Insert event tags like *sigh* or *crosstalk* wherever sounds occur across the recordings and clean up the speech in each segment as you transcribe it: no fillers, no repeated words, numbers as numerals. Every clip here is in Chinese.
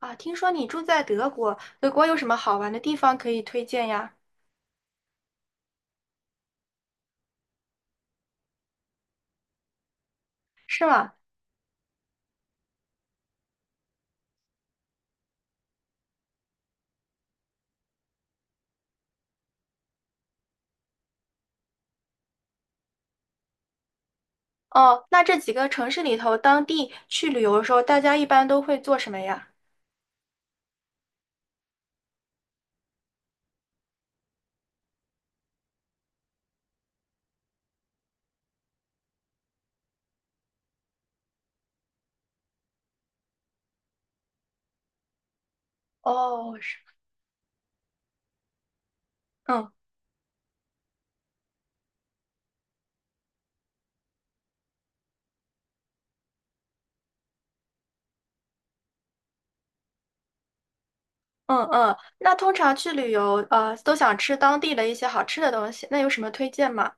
啊，听说你住在德国，德国有什么好玩的地方可以推荐呀？是吗？哦，那这几个城市里头，当地去旅游的时候，大家一般都会做什么呀？哦，是，嗯嗯嗯，那通常去旅游，都想吃当地的一些好吃的东西，那有什么推荐吗？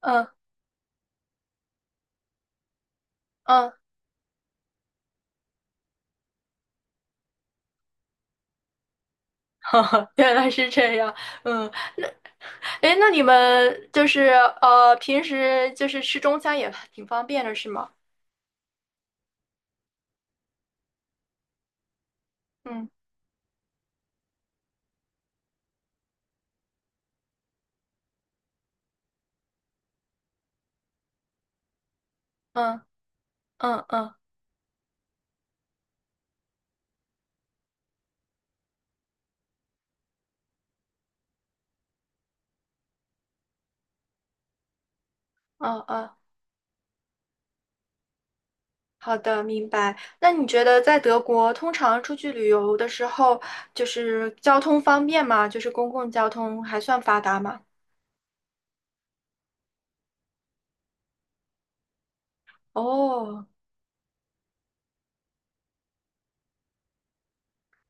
嗯嗯，*laughs* 原来是这样，嗯，诶，那你们就是平时就是吃中餐也挺方便的，是吗？嗯嗯嗯嗯，嗯嗯。哦，好的，明白。那你觉得在德国通常出去旅游的时候，就是交通方便吗？就是公共交通还算发达吗？哦，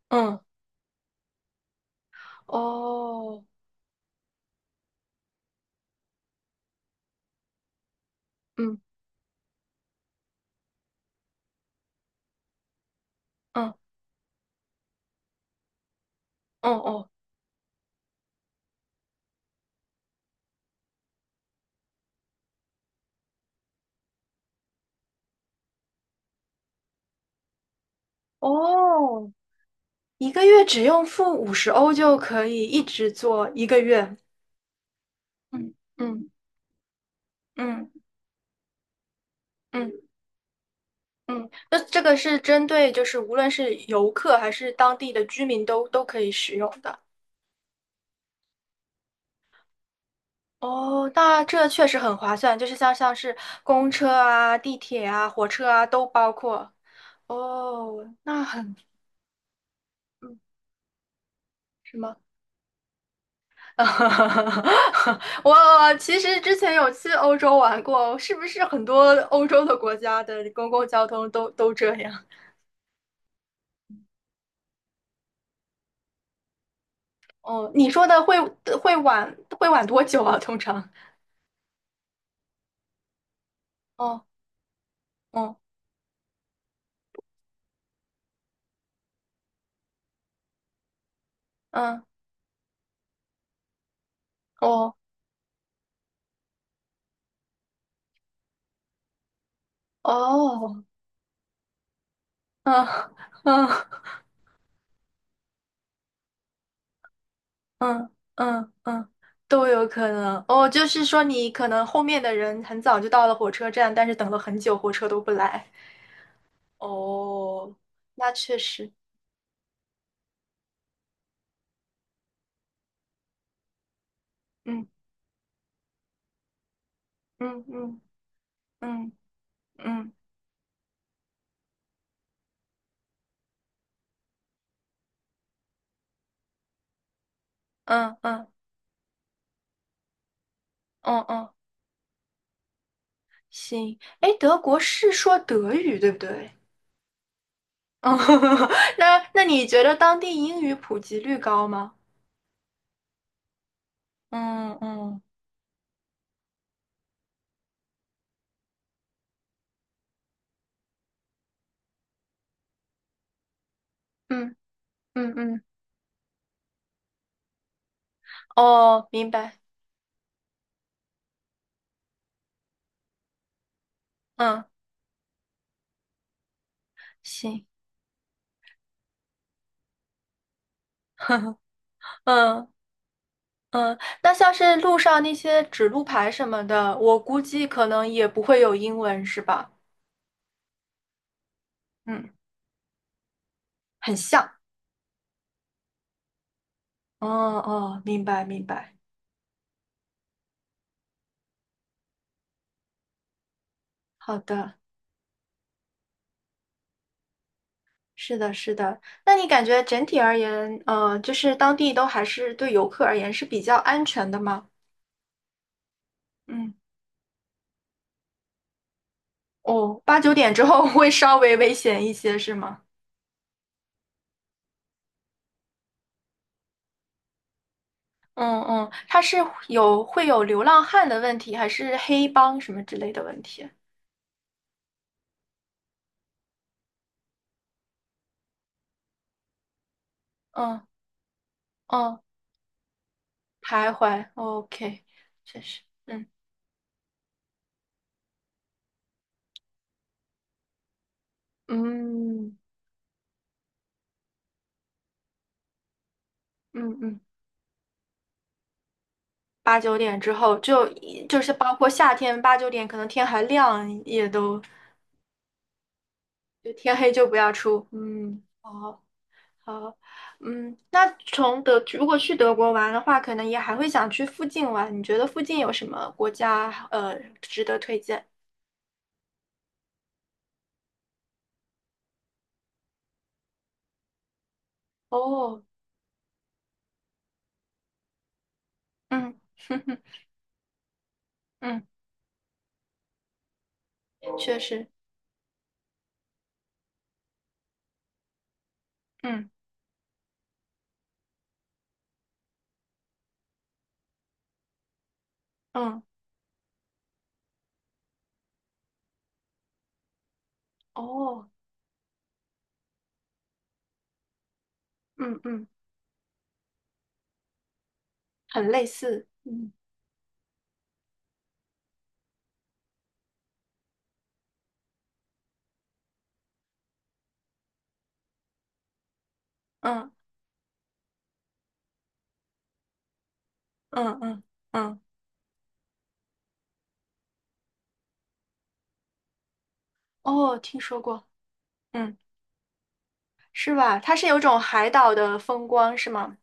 嗯，哦，嗯嗯嗯哦哦，一个月只用付50欧就可以一直做一个月。嗯嗯嗯嗯嗯，那这个是针对就是无论是游客还是当地的居民都都可以使用的。哦，那这确实很划算，就是像像是公车啊、地铁啊、火车啊都包括。哦，那很，嗯，什么？*laughs* 我其实之前有去欧洲玩过，是不是很多欧洲的国家的公共交通都都这样？哦，你说的会会晚会晚多久啊？通常？哦，哦，嗯，哦，哦，嗯嗯。嗯嗯嗯，都有可能哦。就是说，你可能后面的人很早就到了火车站，但是等了很久，火车都不来。哦，那确实，嗯嗯嗯嗯嗯嗯嗯嗯嗯，行。哎，德国是说德语对不对？嗯，*laughs* 那那你觉得当地英语普及率高吗？嗯嗯嗯嗯嗯，哦，明白。嗯，行。*laughs* 嗯嗯，那像是路上那些指路牌什么的，我估计可能也不会有英文，是吧？嗯，很像。哦哦，明白明白。好的，是的，是的。那你感觉整体而言，就是当地都还是对游客而言是比较安全的吗？嗯，哦，八九点之后 *laughs* 会稍微危险一些，是吗？嗯嗯，它是有会有流浪汉的问题，还是黑帮什么之类的问题？嗯嗯。哦，徘徊，OK，确实，嗯嗯嗯嗯，八九点之后，就就是包括夏天八九点，可能天还亮，也都就天黑就不要出。嗯，好，好，嗯，那从德如果去德国玩的话，可能也还会想去附近玩。你觉得附近有什么国家值得推荐？哦，嗯，*laughs* 嗯，确实，嗯嗯，哦，嗯嗯，很类似，嗯嗯。嗯嗯嗯，哦，听说过，嗯，是吧？它是有种海岛的风光，是吗？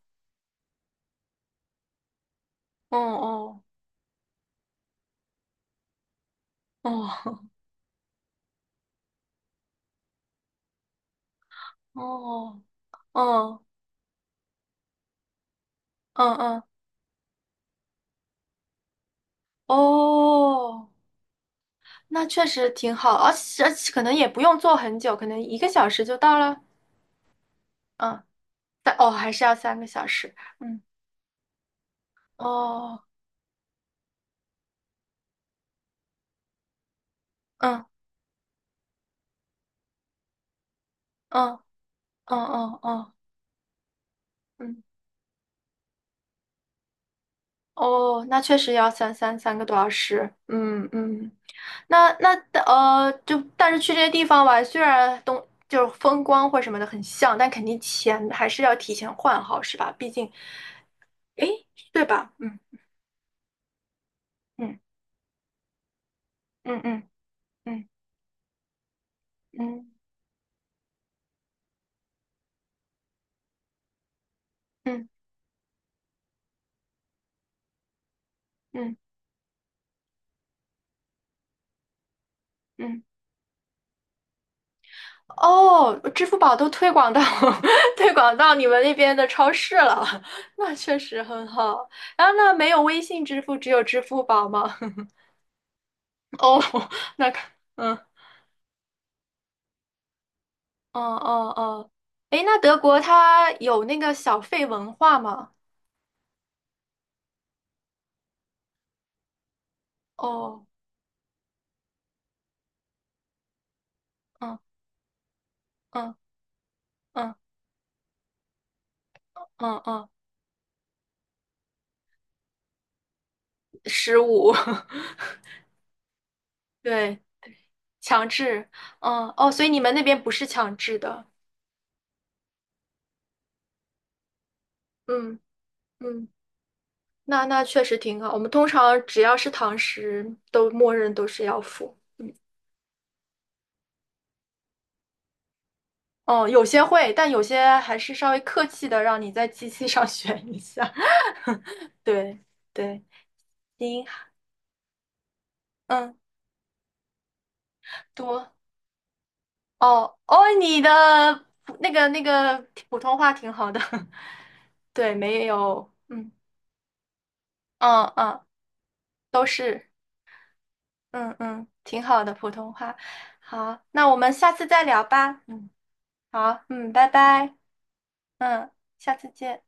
哦哦哦哦哦嗯嗯哦，那确实挺好，而且而且可能也不用坐很久，可能一个小时就到了。嗯，但哦还是要3个小时。嗯哦嗯嗯嗯嗯嗯嗯哦，那确实要三三3个多小时。嗯嗯。那那就但是去这些地方吧，虽然东就是风光或什么的很像，但肯定钱还是要提前换好，是吧？毕竟，诶，对吧？嗯嗯嗯嗯嗯嗯嗯嗯嗯。哦，支付宝都推广到 *laughs* 推广到你们那边的超市了，*laughs* 那确实很好。然后那没有微信支付，只有支付宝吗？*laughs* 哦，那看，嗯哦哦哦，诶，那德国它有那个小费文化吗？哦，嗯嗯嗯嗯嗯，15，*laughs* 对，强制，嗯哦，所以你们那边不是强制的，嗯嗯，那那确实挺好。我们通常只要是堂食，都默认都是要付。哦，有些会，但有些还是稍微客气的，让你在机器上 *laughs* 选一下。*laughs* 对对，您嗯多。哦哦，你的普那个那个普通话挺好的，*laughs* 对，没有，嗯嗯嗯，都是，嗯嗯，挺好的普通话。好，那我们下次再聊吧。嗯，好，嗯，拜拜，嗯，下次见。